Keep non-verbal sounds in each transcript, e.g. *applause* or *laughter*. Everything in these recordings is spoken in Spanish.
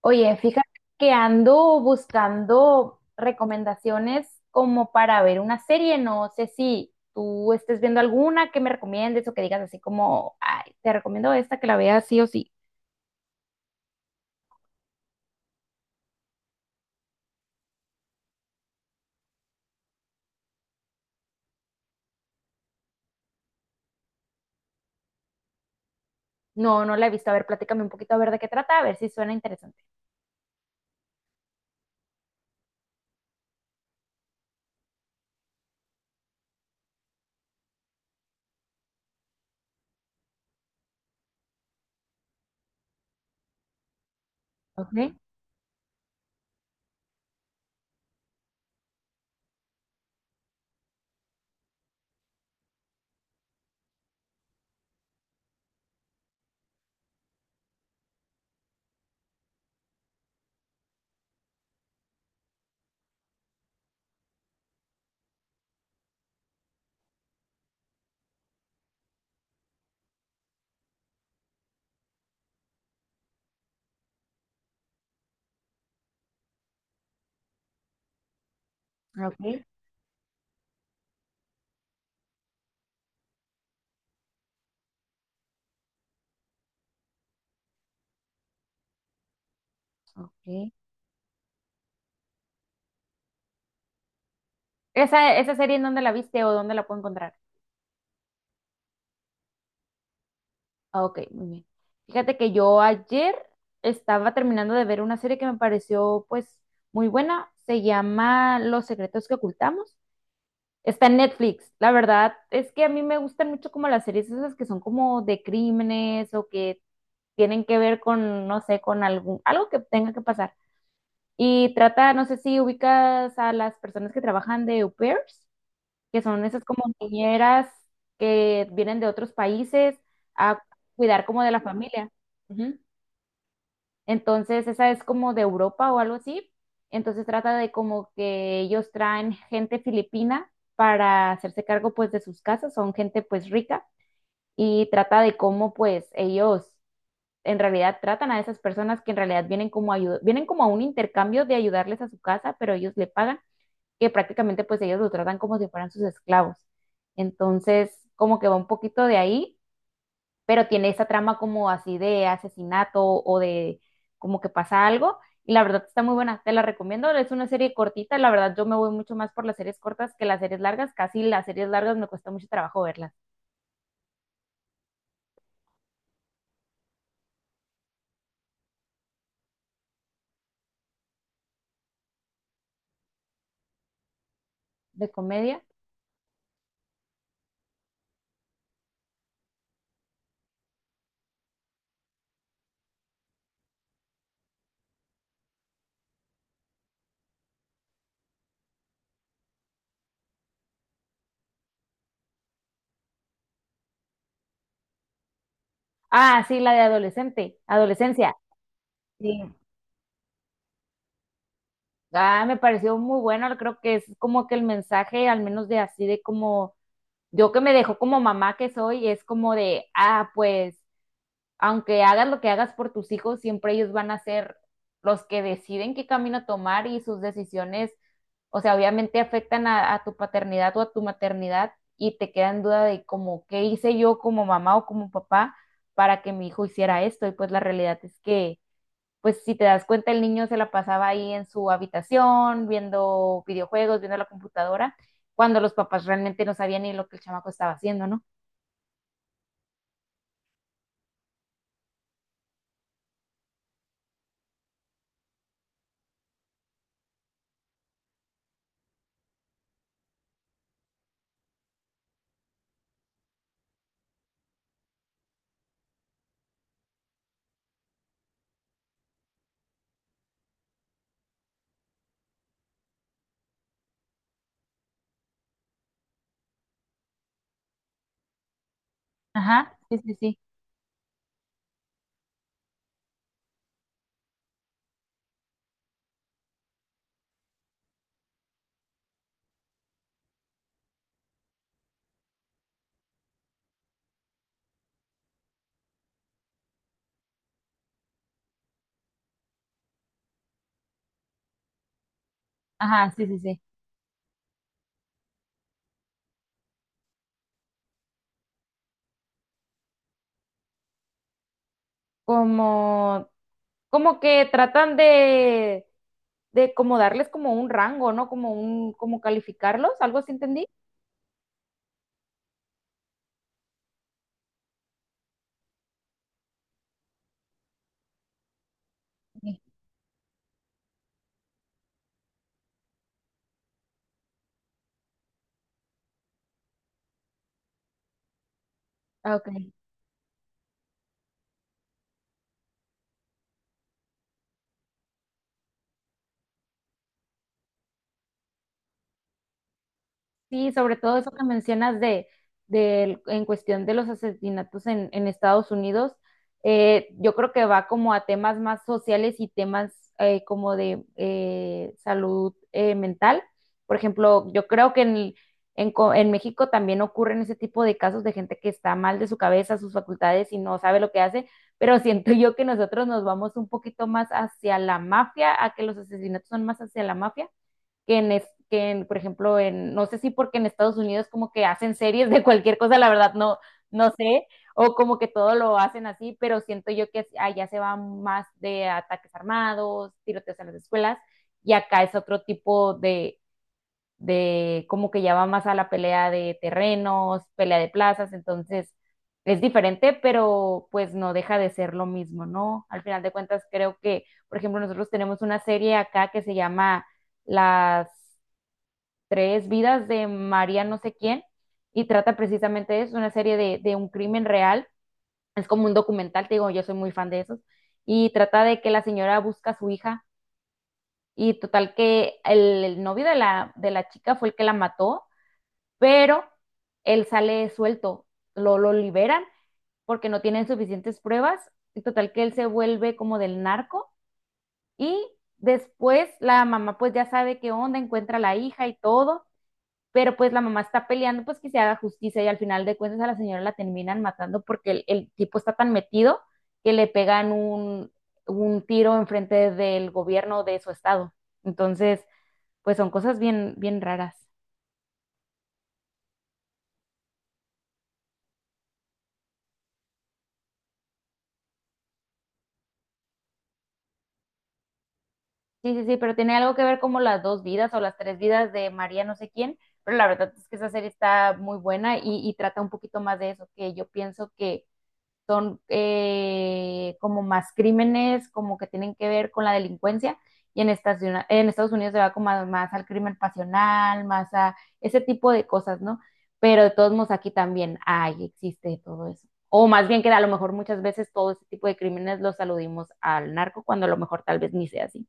Oye, fíjate que ando buscando recomendaciones como para ver una serie. No sé si tú estés viendo alguna que me recomiendes o que digas así como, ay, te recomiendo esta que la veas sí o sí. No, no la he visto. A ver, platícame un poquito a ver de qué trata, a ver si suena interesante. Ok, ok, ok. ¿Esa, esa serie en dónde la viste o dónde la puedo encontrar? Ah, ok, muy bien. Fíjate que yo ayer estaba terminando de ver una serie que me pareció pues muy buena. Se llama Los secretos que ocultamos. Está en Netflix. La verdad es que a mí me gustan mucho como las series esas que son como de crímenes o que tienen que ver con, no sé, con algún, algo que tenga que pasar. Y trata, no sé si ubicas a las personas que trabajan de au pairs, que son esas como niñeras que vienen de otros países a cuidar como de la familia. Ujú. Entonces, esa es como de Europa o algo así. Entonces trata de como que ellos traen gente filipina para hacerse cargo pues de sus casas, son gente pues rica, y trata de cómo pues ellos en realidad tratan a esas personas que en realidad vienen como ayuda, vienen como a un intercambio de ayudarles a su casa, pero ellos le pagan, que prácticamente pues ellos lo tratan como si fueran sus esclavos. Entonces, como que va un poquito de ahí, pero tiene esa trama como así de asesinato o de como que pasa algo. Y la verdad está muy buena, te la recomiendo. Es una serie cortita, la verdad yo me voy mucho más por las series cortas que las series largas. Casi las series largas me cuesta mucho trabajo verlas. ¿De comedia? Ah, sí, la de adolescente, adolescencia. Sí. Ah, me pareció muy buena, creo que es como que el mensaje, al menos de así, de como yo, que me dejó como mamá que soy, es como de, ah, pues, aunque hagas lo que hagas por tus hijos, siempre ellos van a ser los que deciden qué camino tomar y sus decisiones, o sea, obviamente afectan a tu paternidad o a tu maternidad, y te queda en duda de como, ¿qué hice yo como mamá o como papá para que mi hijo hiciera esto? Y pues la realidad es que pues si te das cuenta, el niño se la pasaba ahí en su habitación, viendo videojuegos, viendo la computadora, cuando los papás realmente no sabían ni lo que el chamaco estaba haciendo, ¿no? Ajá, sí, sí, sí. Ajá, sí, sí, sí. Como, como que tratan de como darles como un rango, ¿no? Como un, como calificarlos, algo así entendí. Sí. Ah, ok. Sí, sobre todo eso que mencionas de, del- en cuestión de los asesinatos en Estados Unidos, yo creo que va como a temas más sociales y temas como de salud mental. Por ejemplo, yo creo que en, co- en México también ocurren ese tipo de casos de gente que está mal de su cabeza, sus facultades y no sabe lo que hace, pero *laughs* siento yo que nosotros nos vamos un poquito más hacia la mafia, a que los asesinatos son más hacia la mafia que en, es, que en, por ejemplo, en, no sé si porque en Estados Unidos como que hacen series de cualquier cosa, la verdad no, no sé, o como que todo lo hacen así, pero siento yo que allá se va más de ataques armados, tiroteos en las escuelas, y acá es otro tipo de como que ya va más a la pelea de terrenos, pelea de plazas, entonces es diferente, pero pues no deja de ser lo mismo, ¿no? Al final de cuentas creo que, por ejemplo, nosotros tenemos una serie acá que se llama Las tres vidas de María no sé quién, y trata precisamente de eso, una serie de un crimen real. Es como un documental, te digo, yo soy muy fan de esos. Y trata de que la señora busca a su hija y total que el novio de la chica fue el que la mató, pero él sale suelto, lo liberan porque no tienen suficientes pruebas y total que él se vuelve como del narco y después la mamá pues ya sabe qué onda, encuentra a la hija y todo, pero pues la mamá está peleando pues que se haga justicia y al final de cuentas a la señora la terminan matando porque el tipo está tan metido que le pegan un tiro enfrente del gobierno de su estado. Entonces, pues son cosas bien, bien raras. Sí, sí, sí, pero tiene algo que ver como las dos vidas o las tres vidas de María no sé quién, pero la verdad es que esa serie está muy buena y trata un poquito más de eso, que yo pienso que son como más crímenes, como que tienen que ver con la delincuencia, y en Estados Unidos se va como a- más al crimen pasional, más a ese tipo de cosas, ¿no? Pero de todos modos aquí también hay, existe todo eso. O más bien que a lo mejor muchas veces todo ese tipo de crímenes los aludimos al narco, cuando a lo mejor tal vez ni sea así.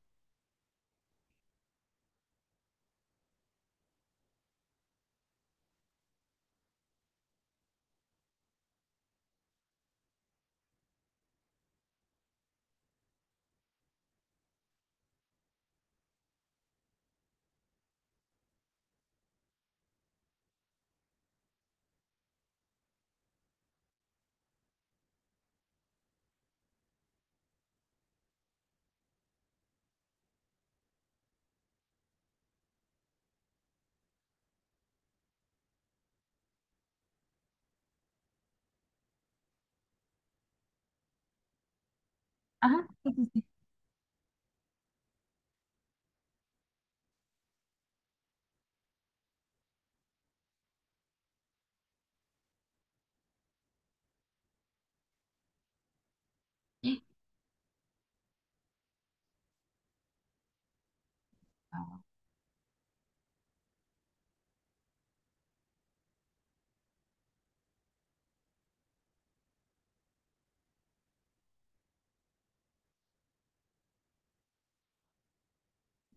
Ajá.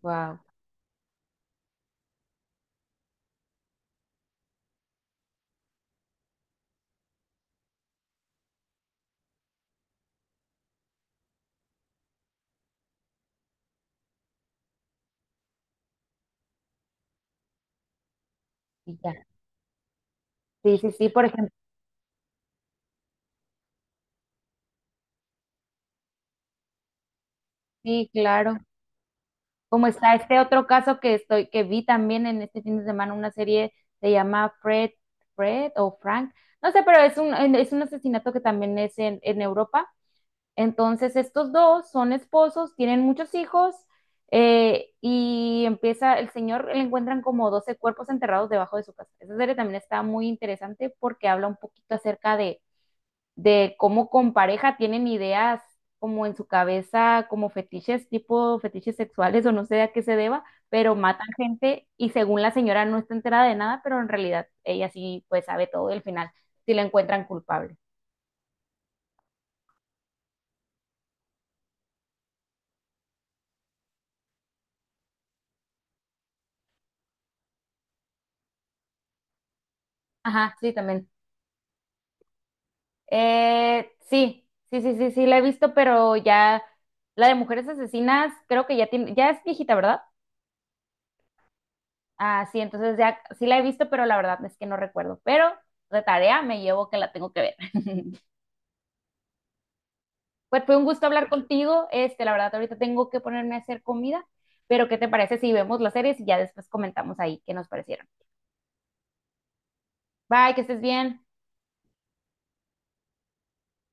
Wow, y ya. Sí, sí, sí, por ejemplo, sí, claro. Como está este otro caso que estoy, que vi también en este fin de semana, una serie se llama Fred, Fred o Frank, no sé, pero es un asesinato que también es en Europa. Entonces, estos dos son esposos, tienen muchos hijos, y empieza, el señor le encuentran como 12 cuerpos enterrados debajo de su casa. Esa serie también está muy interesante porque habla un poquito acerca de cómo con pareja tienen ideas como en su cabeza, como fetiches, tipo fetiches sexuales o no sé a qué se deba, pero matan gente y según la señora no está enterada de nada, pero en realidad ella sí pues sabe todo del final, si la encuentran culpable. Ajá, sí, también. Sí, sí, sí, sí, sí, la he visto, pero ya la de mujeres asesinas creo que ya tiene, ya es viejita, ¿verdad? Ah, sí, entonces ya sí la he visto, pero la verdad es que no recuerdo, pero de tarea me llevo que la tengo que ver. *laughs* Pues fue un gusto hablar contigo. Este, la verdad, ahorita tengo que ponerme a hacer comida, pero ¿qué te parece si vemos las series y ya después comentamos ahí qué nos parecieron? Bye, que estés bien.